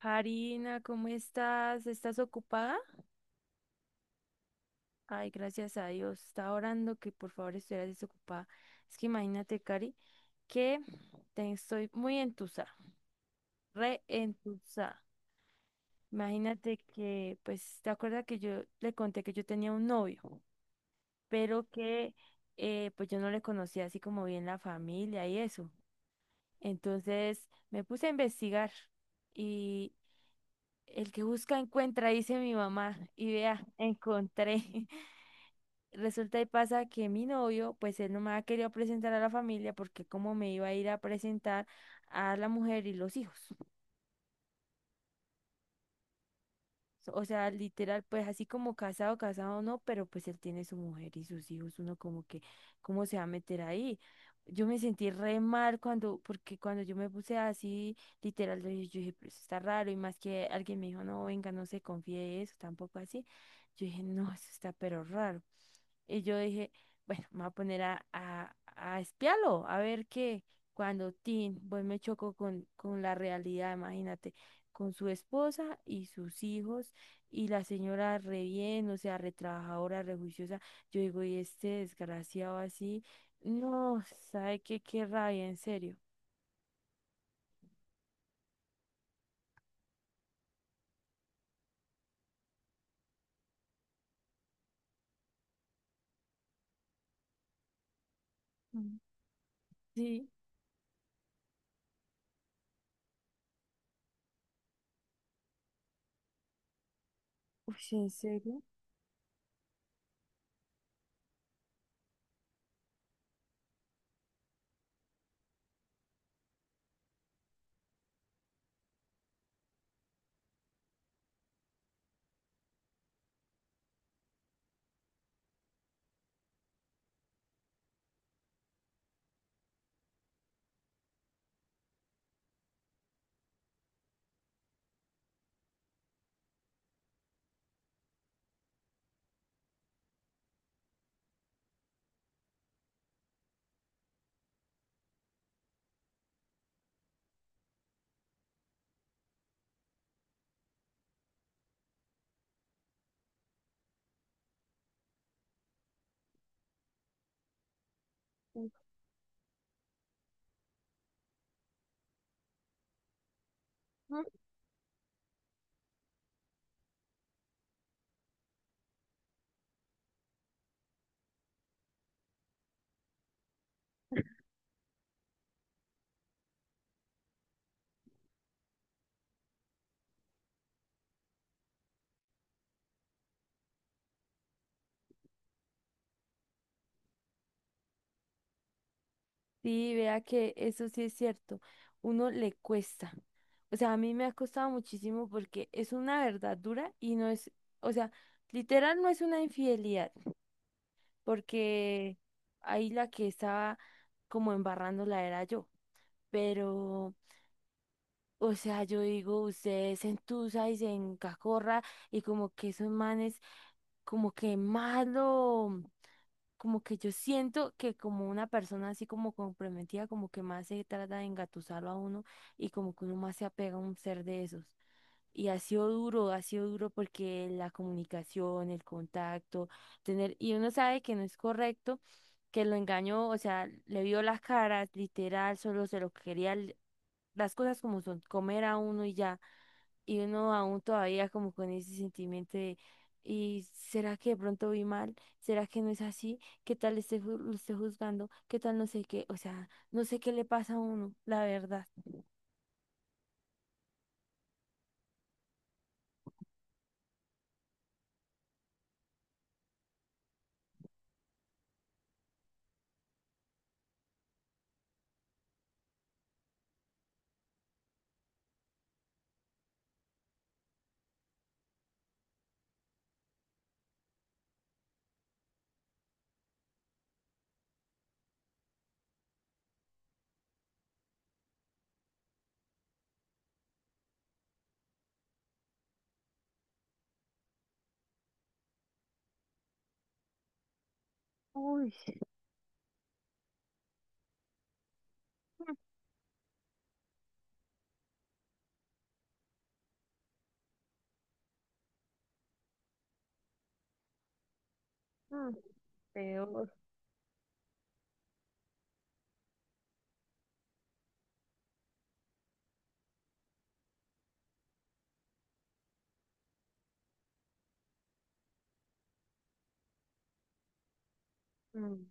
Harina, ¿cómo estás? ¿Estás ocupada? Ay, gracias a Dios. Estaba orando que por favor estuvieras desocupada. Es que imagínate, Cari, que te estoy muy entusa, re entusa. Imagínate que, pues, ¿te acuerdas que yo le conté que yo tenía un novio, pero que, pues, yo no le conocía así como bien la familia y eso? Entonces me puse a investigar y el que busca encuentra, dice mi mamá, y vea, encontré. Resulta y pasa que mi novio, pues él no me ha querido presentar a la familia porque como me iba a ir a presentar a la mujer y los hijos. O sea, literal, pues así como casado, casado no, pero pues él tiene su mujer y sus hijos, uno como que, ¿cómo se va a meter ahí? Yo me sentí re mal cuando, porque cuando yo me puse así, literal, yo dije, pero eso está raro, y más que alguien me dijo, no, venga, no se confíe de eso, tampoco así. Yo dije, no, eso está pero raro. Y yo dije, bueno, me voy a poner a, espiarlo, a ver qué. Cuando Tim, pues me chocó con, la realidad, imagínate, con su esposa y sus hijos, y la señora re bien, o sea, re trabajadora, re juiciosa. Yo digo, y este desgraciado así, no, ¿sabe qué? Qué rabia, en serio. Mm. Sí. Uy, en serio. Sí, vea que eso sí es cierto, uno le cuesta. O sea, a mí me ha costado muchísimo porque es una verdad dura y no es, o sea, literal no es una infidelidad, porque ahí la que estaba como embarrándola era yo. Pero, o sea, yo digo, usted se entusa y se encacorra y como que esos manes como que malo como que yo siento que como una persona así como comprometida, como que más se trata de engatusarlo a uno y como que uno más se apega a un ser de esos. Y ha sido duro porque la comunicación, el contacto, tener, y uno sabe que no es correcto, que lo engañó, o sea, le vio las caras, literal, solo se lo quería, las cosas como son, comer a uno y ya y uno aún todavía como con ese sentimiento de, ¿y será que de pronto vi mal? ¿Será que no es así? ¿Qué tal esté lo esté juzgando? ¿Qué tal no sé qué? O sea, no sé qué le pasa a uno, la verdad. Uy. Mm, peor. Mm.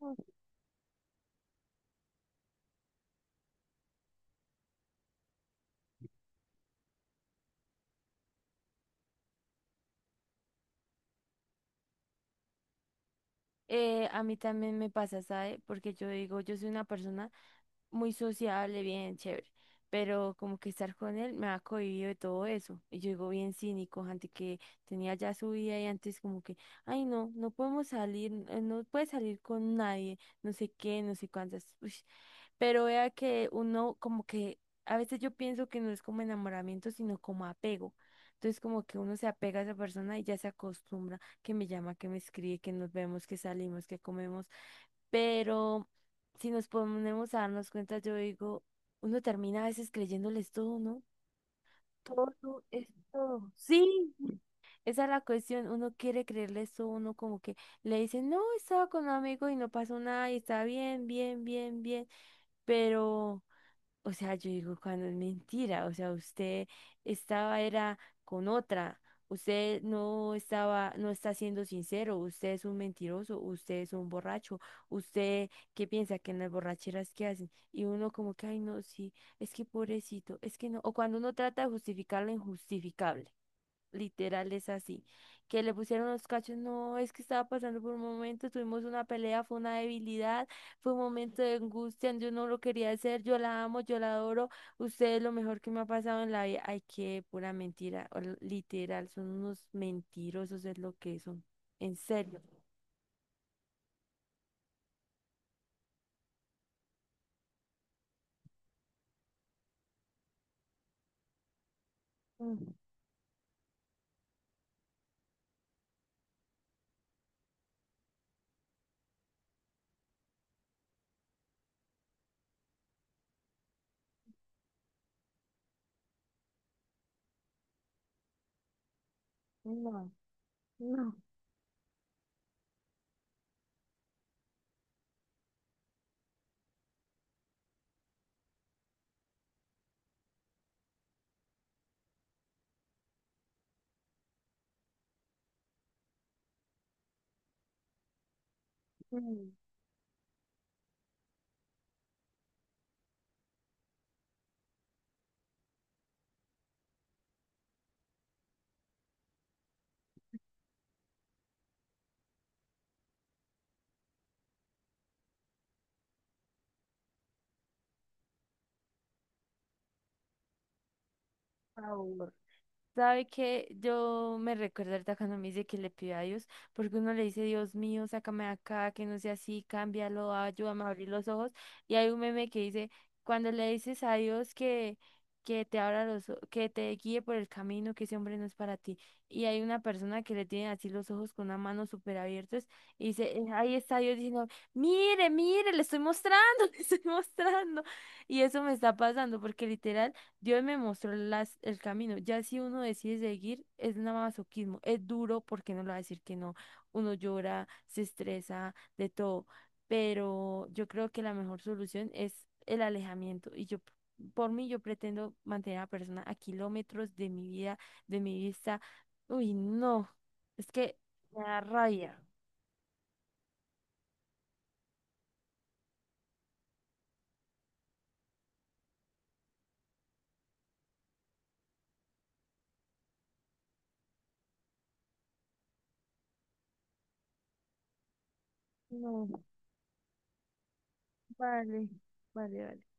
Mm. A mí también me pasa, ¿sabe? Porque yo digo, yo soy una persona muy sociable, bien chévere, pero como que estar con él me ha cohibido de todo eso. Y yo digo bien cínico, antes que tenía ya su vida y antes como que, ay no, no podemos salir, no puedes salir con nadie, no sé qué, no sé cuántas. Uy, pero vea que uno como que a veces yo pienso que no es como enamoramiento, sino como apego. Entonces como que uno se apega a esa persona y ya se acostumbra que me llama, que me escribe, que nos vemos, que salimos, que comemos. Pero si nos ponemos a darnos cuenta, yo digo, uno termina a veces creyéndoles todo, ¿no? Todo es todo. Sí, esa es la cuestión. Uno quiere creerles todo, uno como que le dice, no, estaba con un amigo y no pasó nada y está bien, bien, bien, bien. Pero... O sea, yo digo, cuando es mentira, o sea, usted estaba era con otra, usted no estaba, no está siendo sincero, usted es un mentiroso, usted es un borracho, usted qué piensa que en las borracheras que hacen, y uno como que, ay, no, sí, es que pobrecito, es que no, o cuando uno trata de justificar lo injustificable. Literal es así. Que le pusieron los cachos, no, es que estaba pasando por un momento, tuvimos una pelea, fue una debilidad, fue un momento de angustia, yo no lo quería hacer, yo la amo, yo la adoro, usted es lo mejor que me ha pasado en la vida. Ay, qué pura mentira, o literal, son unos mentirosos, es lo que son, en serio. Mm. No, no, no, por favor. ¿Sabe que yo me recuerdo ahorita cuando me dice que le pido a Dios, porque uno le dice, Dios mío, sácame de acá, que no sea así, cámbialo, ayúdame a abrir los ojos. Y hay un meme que dice, cuando le dices a Dios que te abra los, que te guíe por el camino, que ese hombre no es para ti. Y hay una persona que le tiene así los ojos con una mano súper abiertos y dice, ahí está Dios diciendo, mire, mire, le estoy mostrando, le estoy mostrando. Y eso me está pasando, porque literal. Dios me mostró las, el camino. Ya si uno decide seguir, es nada masoquismo. Es duro porque no lo va a decir que no. Uno llora, se estresa, de todo. Pero yo creo que la mejor solución es el alejamiento. Y yo, por mí, yo pretendo mantener a la persona a kilómetros de mi vida, de mi vista. Uy, no. Es que me da rabia. No, vale, vale, vale.